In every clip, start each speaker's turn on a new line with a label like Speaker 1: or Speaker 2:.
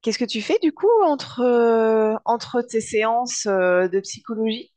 Speaker 1: Qu'est-ce que tu fais du coup entre tes séances de psychologie?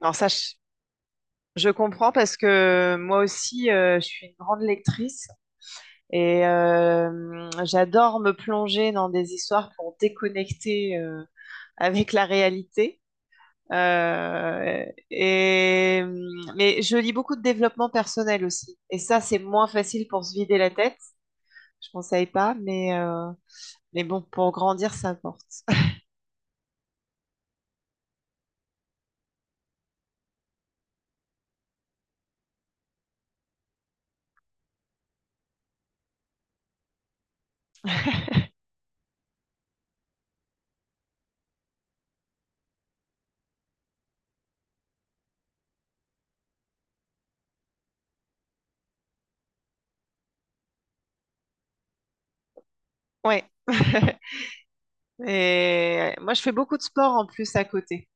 Speaker 1: Alors ça, je comprends parce que moi aussi, je suis une grande lectrice et j'adore me plonger dans des histoires pour déconnecter avec la réalité. Euh, et, mais je lis beaucoup de développement personnel aussi. Et ça, c'est moins facile pour se vider la tête. Je ne conseille pas, mais bon, pour grandir, ça importe. Ouais. Et moi, je fais beaucoup de sport en plus à côté.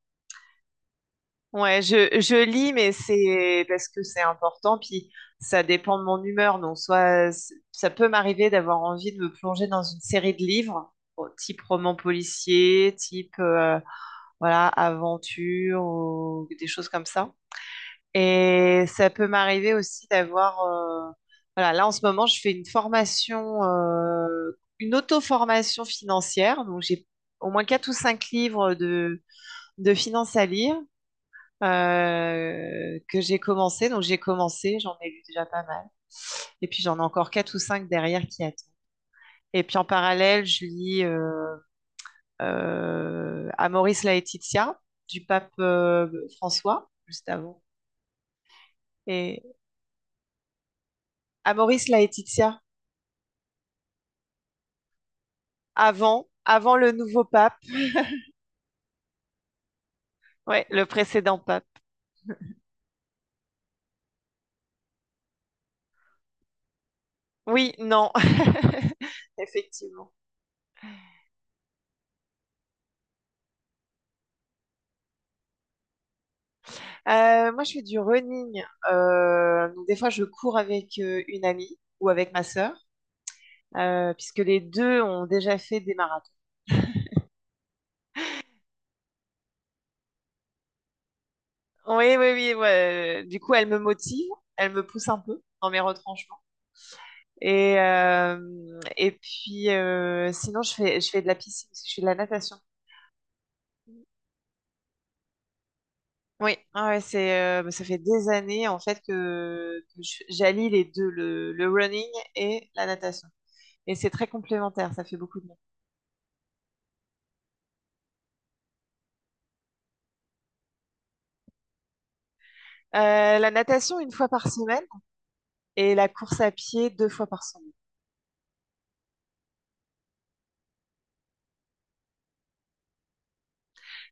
Speaker 1: Ouais, je lis, mais c'est parce que c'est important, puis ça dépend de mon humeur. Donc, soit ça peut m'arriver d'avoir envie de me plonger dans une série de livres, bon, type roman policier, type voilà, aventure ou des choses comme ça. Et ça peut m'arriver aussi d'avoir voilà, là en ce moment, je fais une formation, une auto-formation financière. Donc, j'ai au moins quatre ou cinq livres de finance à lire que j'ai commencé. Donc j'ai commencé, j'en ai lu déjà pas mal. Et puis j'en ai encore quatre ou cinq derrière qui attendent. Et puis en parallèle, je lis Amoris Laetitia du pape François, juste avant. Et Amoris Laetitia, avant le nouveau pape, ouais, le précédent pape. Oui, non, effectivement. Moi, je fais du running. Donc des fois, je cours avec une amie ou avec ma sœur, puisque les deux ont déjà fait des marathons. Oui, oui, oui. Ouais. Du coup, elle me motive, elle me pousse un peu dans mes retranchements. Et puis, sinon, je fais de la piscine, parce que je fais de la natation. Oui, ah ouais, ça fait des années, en fait, j'allie les deux, le running et la natation. Et c'est très complémentaire, ça fait beaucoup de bien. La natation une fois par semaine et la course à pied deux fois par semaine.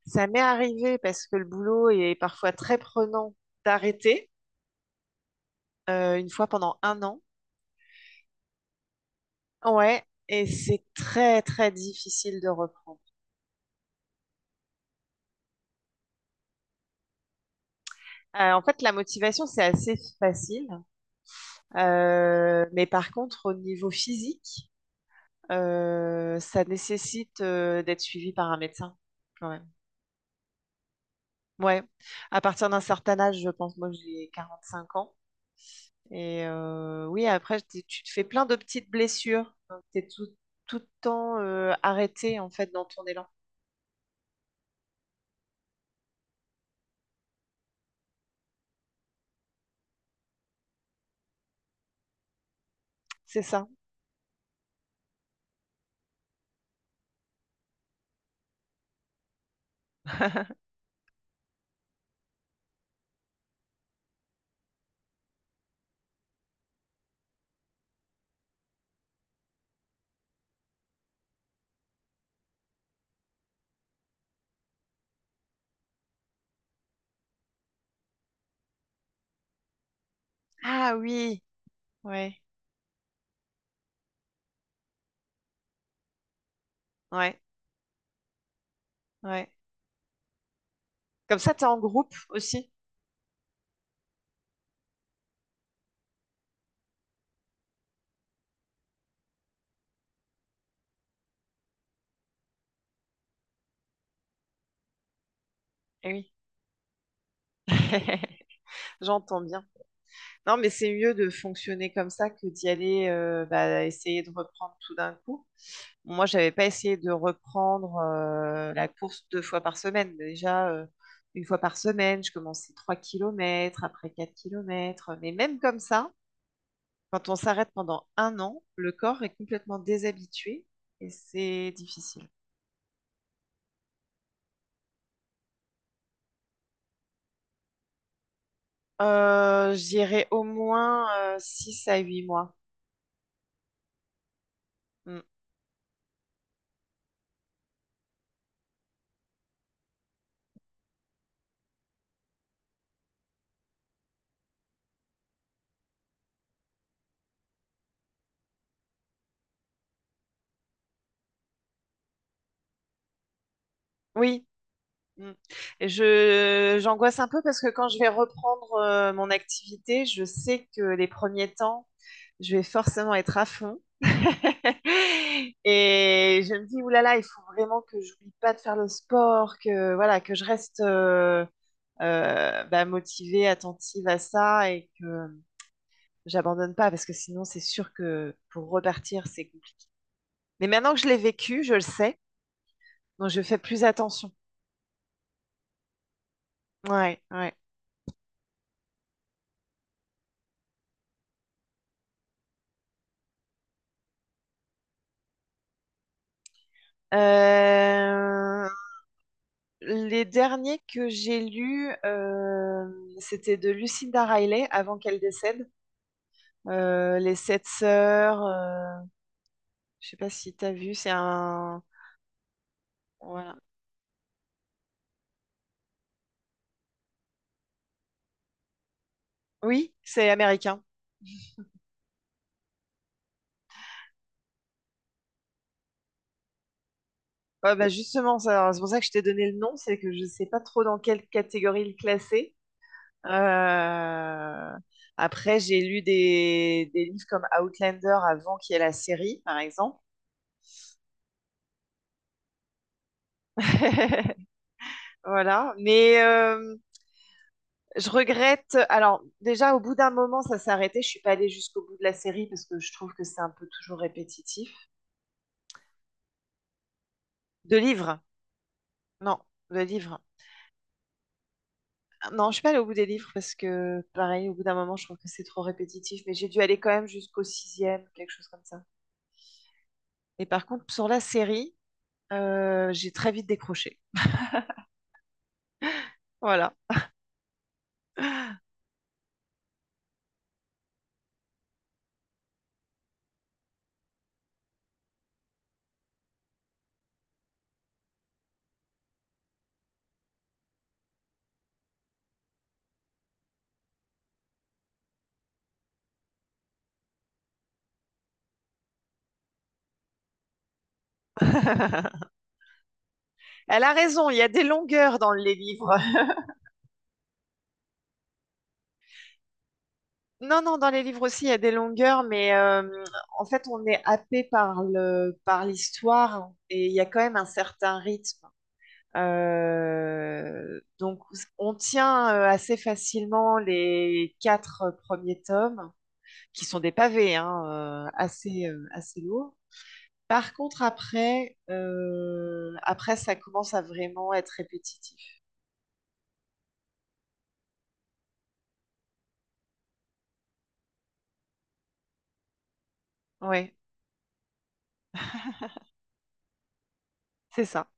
Speaker 1: Ça m'est arrivé parce que le boulot est parfois très prenant d'arrêter une fois pendant un an. Ouais, et c'est très très difficile de reprendre. En fait, la motivation, c'est assez facile. Mais par contre, au niveau physique, ça nécessite d'être suivi par un médecin quand même. Ouais, à partir d'un certain âge, je pense, moi j'ai 45 ans. Et oui, après, tu te fais plein de petites blessures. Tu es tout le temps arrêté, en fait, dans ton élan. C'est ça. Ah oui, ouais, ouais, ouais. Comme ça, tu es en groupe aussi. Eh oui, j'entends bien. Non, mais c'est mieux de fonctionner comme ça que d'y aller, bah, essayer de reprendre tout d'un coup. Moi, j'avais pas essayé de reprendre la course deux fois par semaine. Mais déjà, une fois par semaine, je commençais 3 kilomètres, après 4 kilomètres. Mais même comme ça, quand on s'arrête pendant un an, le corps est complètement déshabitué et c'est difficile. J'irai au moins 6 à 8 mois. Mm. Oui. Mm. Et j'angoisse un peu parce que quand je vais reprendre mon activité, je sais que les premiers temps, je vais forcément être à fond. Et je me dis, oulala, il faut vraiment que j'oublie pas de faire le sport, que voilà, que je reste bah, motivée, attentive à ça et que j'abandonne pas parce que sinon, c'est sûr que pour repartir, c'est compliqué. Mais maintenant que je l'ai vécu, je le sais, donc je fais plus attention. Ouais, ouais. Euh, Les derniers que j'ai lus, c'était de Lucinda Riley avant qu'elle décède. Les Sept Sœurs, je sais pas si t'as vu, c'est un... Voilà. Oui, c'est américain. Ouais, bah justement, c'est pour ça que je t'ai donné le nom, c'est que je sais pas trop dans quelle catégorie le classer. Euh, Après, j'ai lu des livres comme Outlander avant qu'il y ait la série, par exemple. Voilà, mais je regrette. Alors, déjà, au bout d'un moment, ça s'est arrêté. Je suis pas allée jusqu'au bout de la série parce que je trouve que c'est un peu toujours répétitif. De livres? Non, de livres. Non, je suis pas allée au bout des livres parce que, pareil, au bout d'un moment, je trouve que c'est trop répétitif. Mais j'ai dû aller quand même jusqu'au sixième, quelque chose comme ça. Et par contre, sur la série, j'ai très vite décroché. Voilà. Elle a raison, il y a des longueurs dans les livres. Non, non, dans les livres aussi, il y a des longueurs, mais en fait, on est happé par l'histoire et il y a quand même un certain rythme. Donc, on tient assez facilement les quatre premiers tomes, qui sont des pavés, hein, assez lourds. Par contre, après, ça commence à vraiment être répétitif. Oui, c'est ça.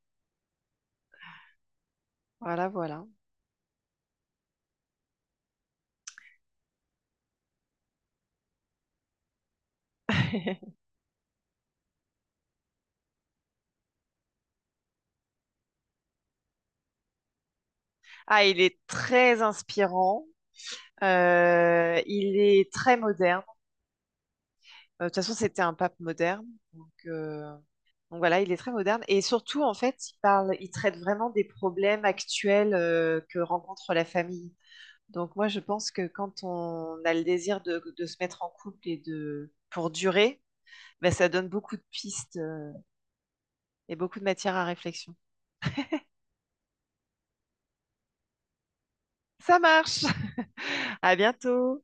Speaker 1: Voilà, voilà. Ah, il est très inspirant. Il est très moderne. De toute façon, c'était un pape moderne. Donc, euh, donc voilà, il est très moderne. Et surtout, en fait, il traite vraiment des problèmes actuels que rencontre la famille. Donc moi, je pense que quand on a le désir de se mettre en couple et de pour durer, ben, ça donne beaucoup de pistes et beaucoup de matière à réflexion. Ça marche. À bientôt.